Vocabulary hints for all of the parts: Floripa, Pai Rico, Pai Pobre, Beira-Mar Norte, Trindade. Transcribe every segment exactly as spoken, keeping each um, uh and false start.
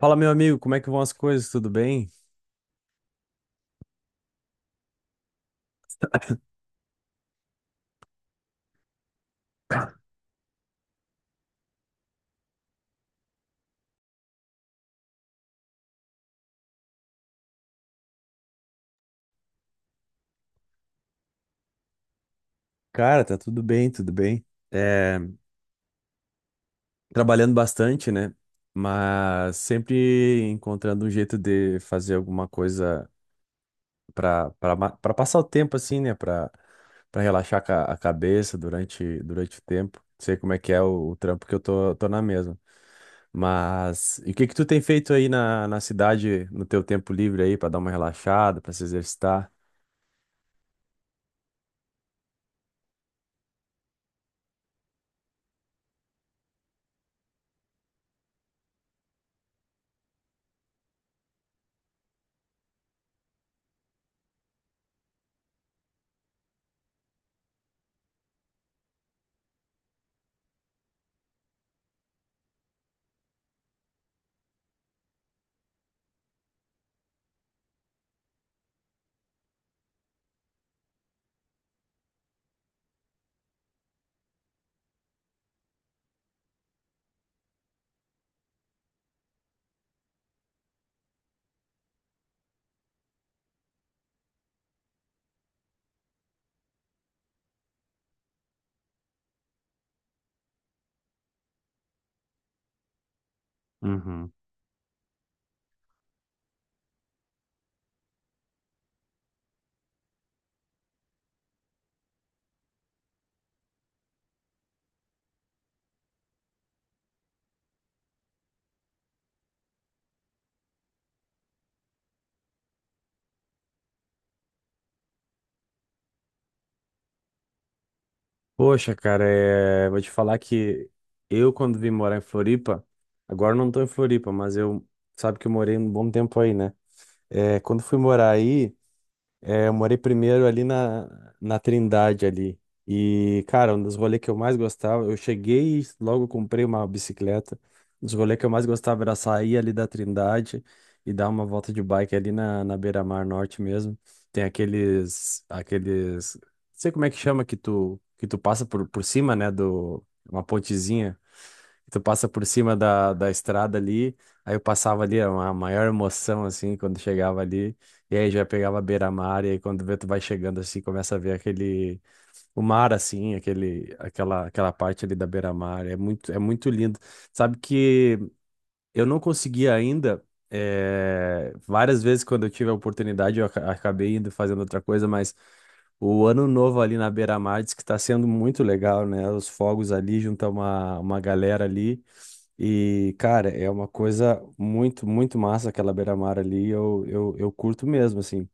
Fala, meu amigo, como é que vão as coisas? Tudo bem? Cara, tá tudo bem, tudo bem. É, trabalhando bastante, né? Mas sempre encontrando um jeito de fazer alguma coisa pra para passar o tempo assim, né? Pra Para relaxar ca- a cabeça durante durante o tempo. Sei como é que é o, o trampo que eu tô, tô na mesma. Mas e o que que tu tem feito aí na, na cidade no teu tempo livre aí pra dar uma relaxada, pra se exercitar? Uhum. Poxa, cara, é, vou te falar que eu, quando vim morar em Floripa, agora eu não tô em Floripa, mas eu, sabe que eu morei um bom tempo aí, né? É, quando fui morar aí, é, eu morei primeiro ali na, na Trindade ali. E, cara, um dos rolês que eu mais gostava, eu cheguei e logo comprei uma bicicleta. Um dos rolês que eu mais gostava era sair ali da Trindade e dar uma volta de bike ali na, na Beira-Mar Norte mesmo. Tem aqueles, aqueles, não sei como é que chama, que tu, que tu passa por, por cima, né, do, uma pontezinha. Tu passa por cima da, da estrada ali, aí eu passava ali, era uma maior emoção, assim, quando chegava ali, e aí já pegava a beira-mar, e aí quando vê, tu vai chegando assim, começa a ver aquele, o mar, assim, aquele, aquela, aquela parte ali da beira-mar, é muito, é muito lindo. Sabe que eu não consegui ainda. Eh, várias vezes, quando eu tive a oportunidade, eu aca- acabei indo fazendo outra coisa, mas o ano novo ali na beira-mar diz que está sendo muito legal, né? Os fogos ali, junta uma, uma galera ali. E, cara, é uma coisa muito, muito massa aquela beira-mar ali. Eu, eu, eu curto mesmo, assim.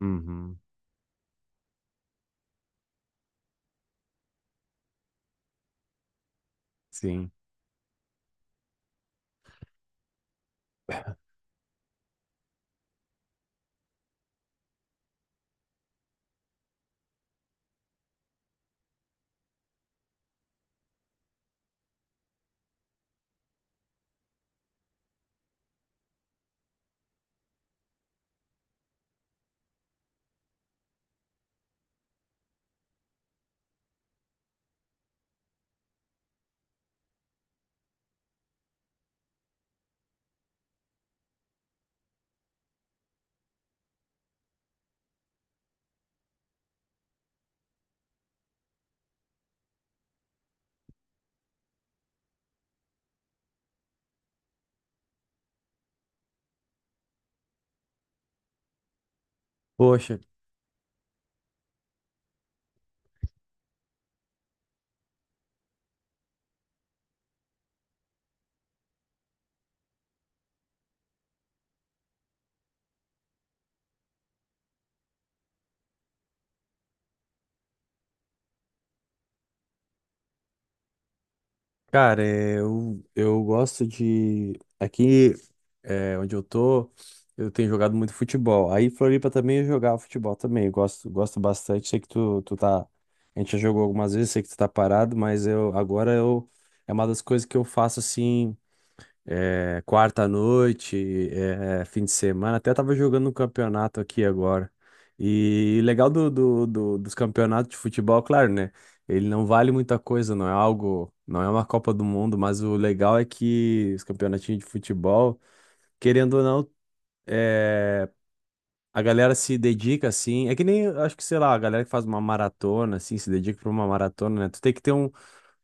Uhum, sim. Poxa, cara, é, eu, eu gosto de. Aqui é, onde eu tô, eu tenho jogado muito futebol. Aí Floripa também eu jogava futebol também. Eu gosto, gosto bastante. Sei que tu, tu tá. A gente já jogou algumas vezes, sei que tu tá parado, mas eu agora eu é uma das coisas que eu faço assim, é, quarta à noite, é, fim de semana. Até tava jogando um campeonato aqui agora. E legal do, do, do- dos campeonatos de futebol, claro, né? Ele não vale muita coisa, não é algo, não é uma Copa do Mundo, mas o legal é que os campeonatinhos de futebol querendo ou não, é, a galera se dedica assim. É que nem, acho que, sei lá, a galera que faz uma maratona, assim, se dedica pra uma maratona, né? Tu tem que ter um,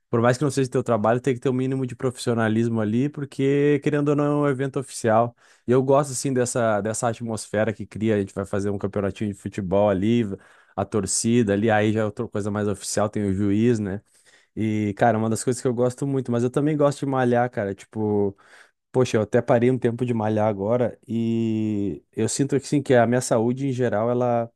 por mais que não seja teu trabalho, tem que ter um mínimo de profissionalismo ali, porque, querendo ou não, é um evento oficial. E eu gosto, assim, dessa, dessa atmosfera que cria. A gente vai fazer um campeonatinho de futebol ali, a torcida ali, aí já é outra coisa mais oficial, tem o juiz, né? E, cara, é uma das coisas que eu gosto muito, mas eu também gosto de malhar, cara. Tipo, poxa, eu até parei um tempo de malhar agora e eu sinto que sim, que a minha saúde em geral ela,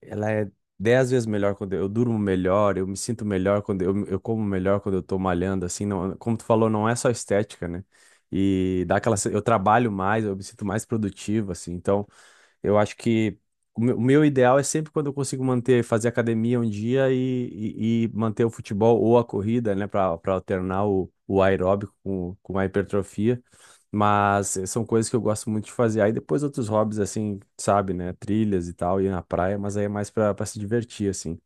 ela é dez vezes melhor quando eu, eu durmo melhor, eu me sinto melhor quando eu, eu como melhor quando eu tô malhando, assim, não, como tu falou, não é só estética, né? E dá aquela, se- eu trabalho mais, eu me sinto mais produtivo, assim, então eu acho que o meu o meu ideal é sempre quando eu consigo manter, fazer academia um dia e, e- e manter o futebol ou a corrida, né, para alternar o, o aeróbico com, com a hipertrofia. Mas eh, são coisas que eu gosto muito de fazer. Aí depois outros hobbies, assim, sabe, né, trilhas e tal, ir na praia, mas aí é mais para se divertir, assim.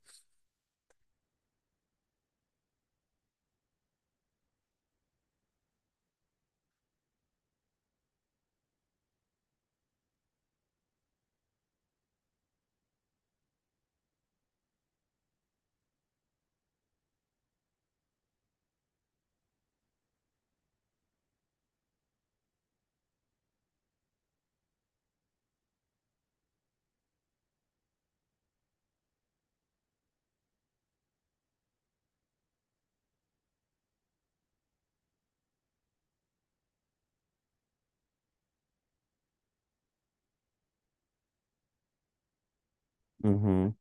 Uhum.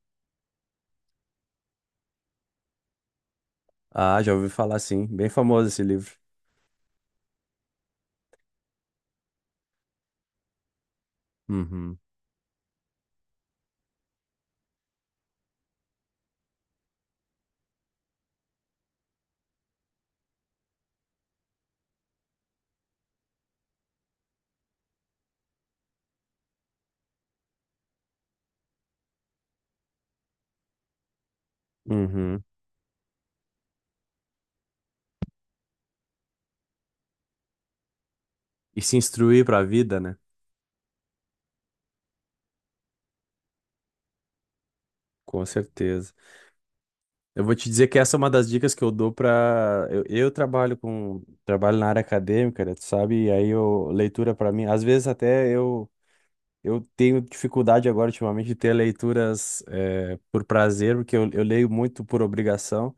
Ah, já ouvi falar, sim. Bem famoso esse livro. Uhum. Uhum. E se instruir para a vida, né? Com certeza. Eu vou te dizer que essa é uma das dicas que eu dou para eu, eu trabalho com trabalho na área acadêmica, né, tu sabe? E aí eu leitura para mim, às vezes até eu eu tenho dificuldade agora, ultimamente, de ter leituras eh, por prazer, porque eu, eu leio muito por obrigação.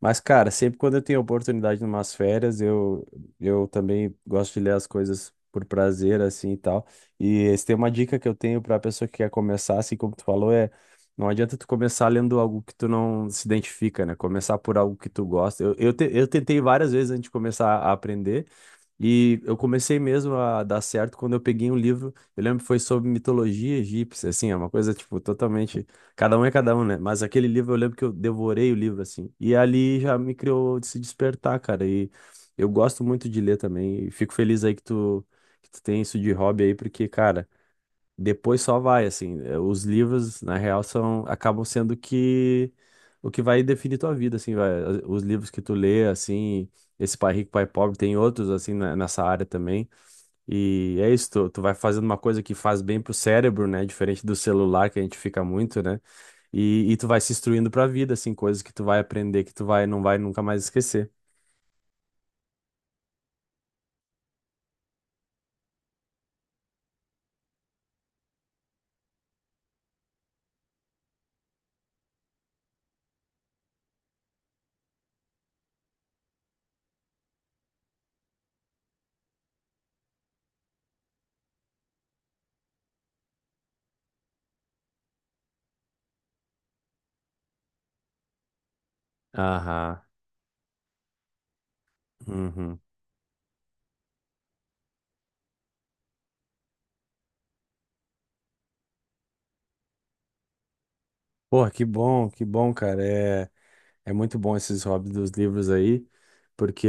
Mas, cara, sempre quando eu tenho oportunidade em umas férias, eu, eu também gosto de ler as coisas por prazer, assim e tal. E se tem uma dica que eu tenho para a pessoa que quer começar, assim como tu falou, é não adianta tu começar lendo algo que tu não se identifica, né? Começar por algo que tu gosta. Eu, eu, te- eu tentei várias vezes antes de começar a aprender. E eu comecei mesmo a dar certo quando eu peguei um livro, eu lembro que foi sobre mitologia egípcia, assim, é uma coisa, tipo, totalmente, cada um é cada um, né? Mas aquele livro, eu lembro que eu devorei o livro, assim, e ali já me criou de se despertar, cara, e eu gosto muito de ler também, e fico feliz aí que tu, que tu tem isso de hobby aí, porque, cara, depois só vai, assim. eh, Os livros, na real, são, acabam sendo que o que vai definir tua vida, assim, vai. As- Os livros que tu lê, assim, esse Pai Rico, Pai Pobre, tem outros, assim, na- nessa área também. E é isso, tu, tu vai fazendo uma coisa que faz bem pro cérebro, né? Diferente do celular, que a gente fica muito, né? E, e tu vai se instruindo pra vida, assim, coisas que tu vai aprender, que tu vai, não vai nunca mais esquecer. Aham. Uhum. Porra, que bom, que bom, cara. é, É muito bom esses hobbies dos livros aí, porque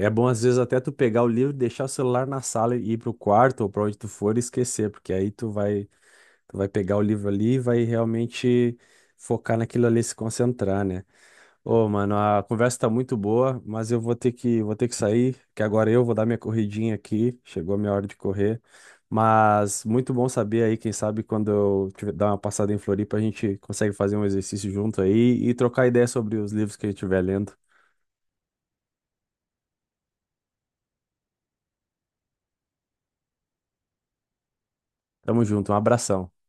é bom às vezes até tu pegar o livro, deixar o celular na sala e ir pro quarto ou para onde tu for e esquecer, porque aí tu vai, tu vai pegar o livro ali e vai realmente focar naquilo ali, e se concentrar, né? Ô, mano, a conversa tá muito boa, mas eu vou ter que, vou ter que sair, que agora eu vou dar minha corridinha aqui. Chegou a minha hora de correr. Mas muito bom saber aí, quem sabe quando eu tiver, dar uma passada em Floripa, a gente consegue fazer um exercício junto aí e trocar ideia sobre os livros que a gente estiver lendo. Tamo junto, um abração.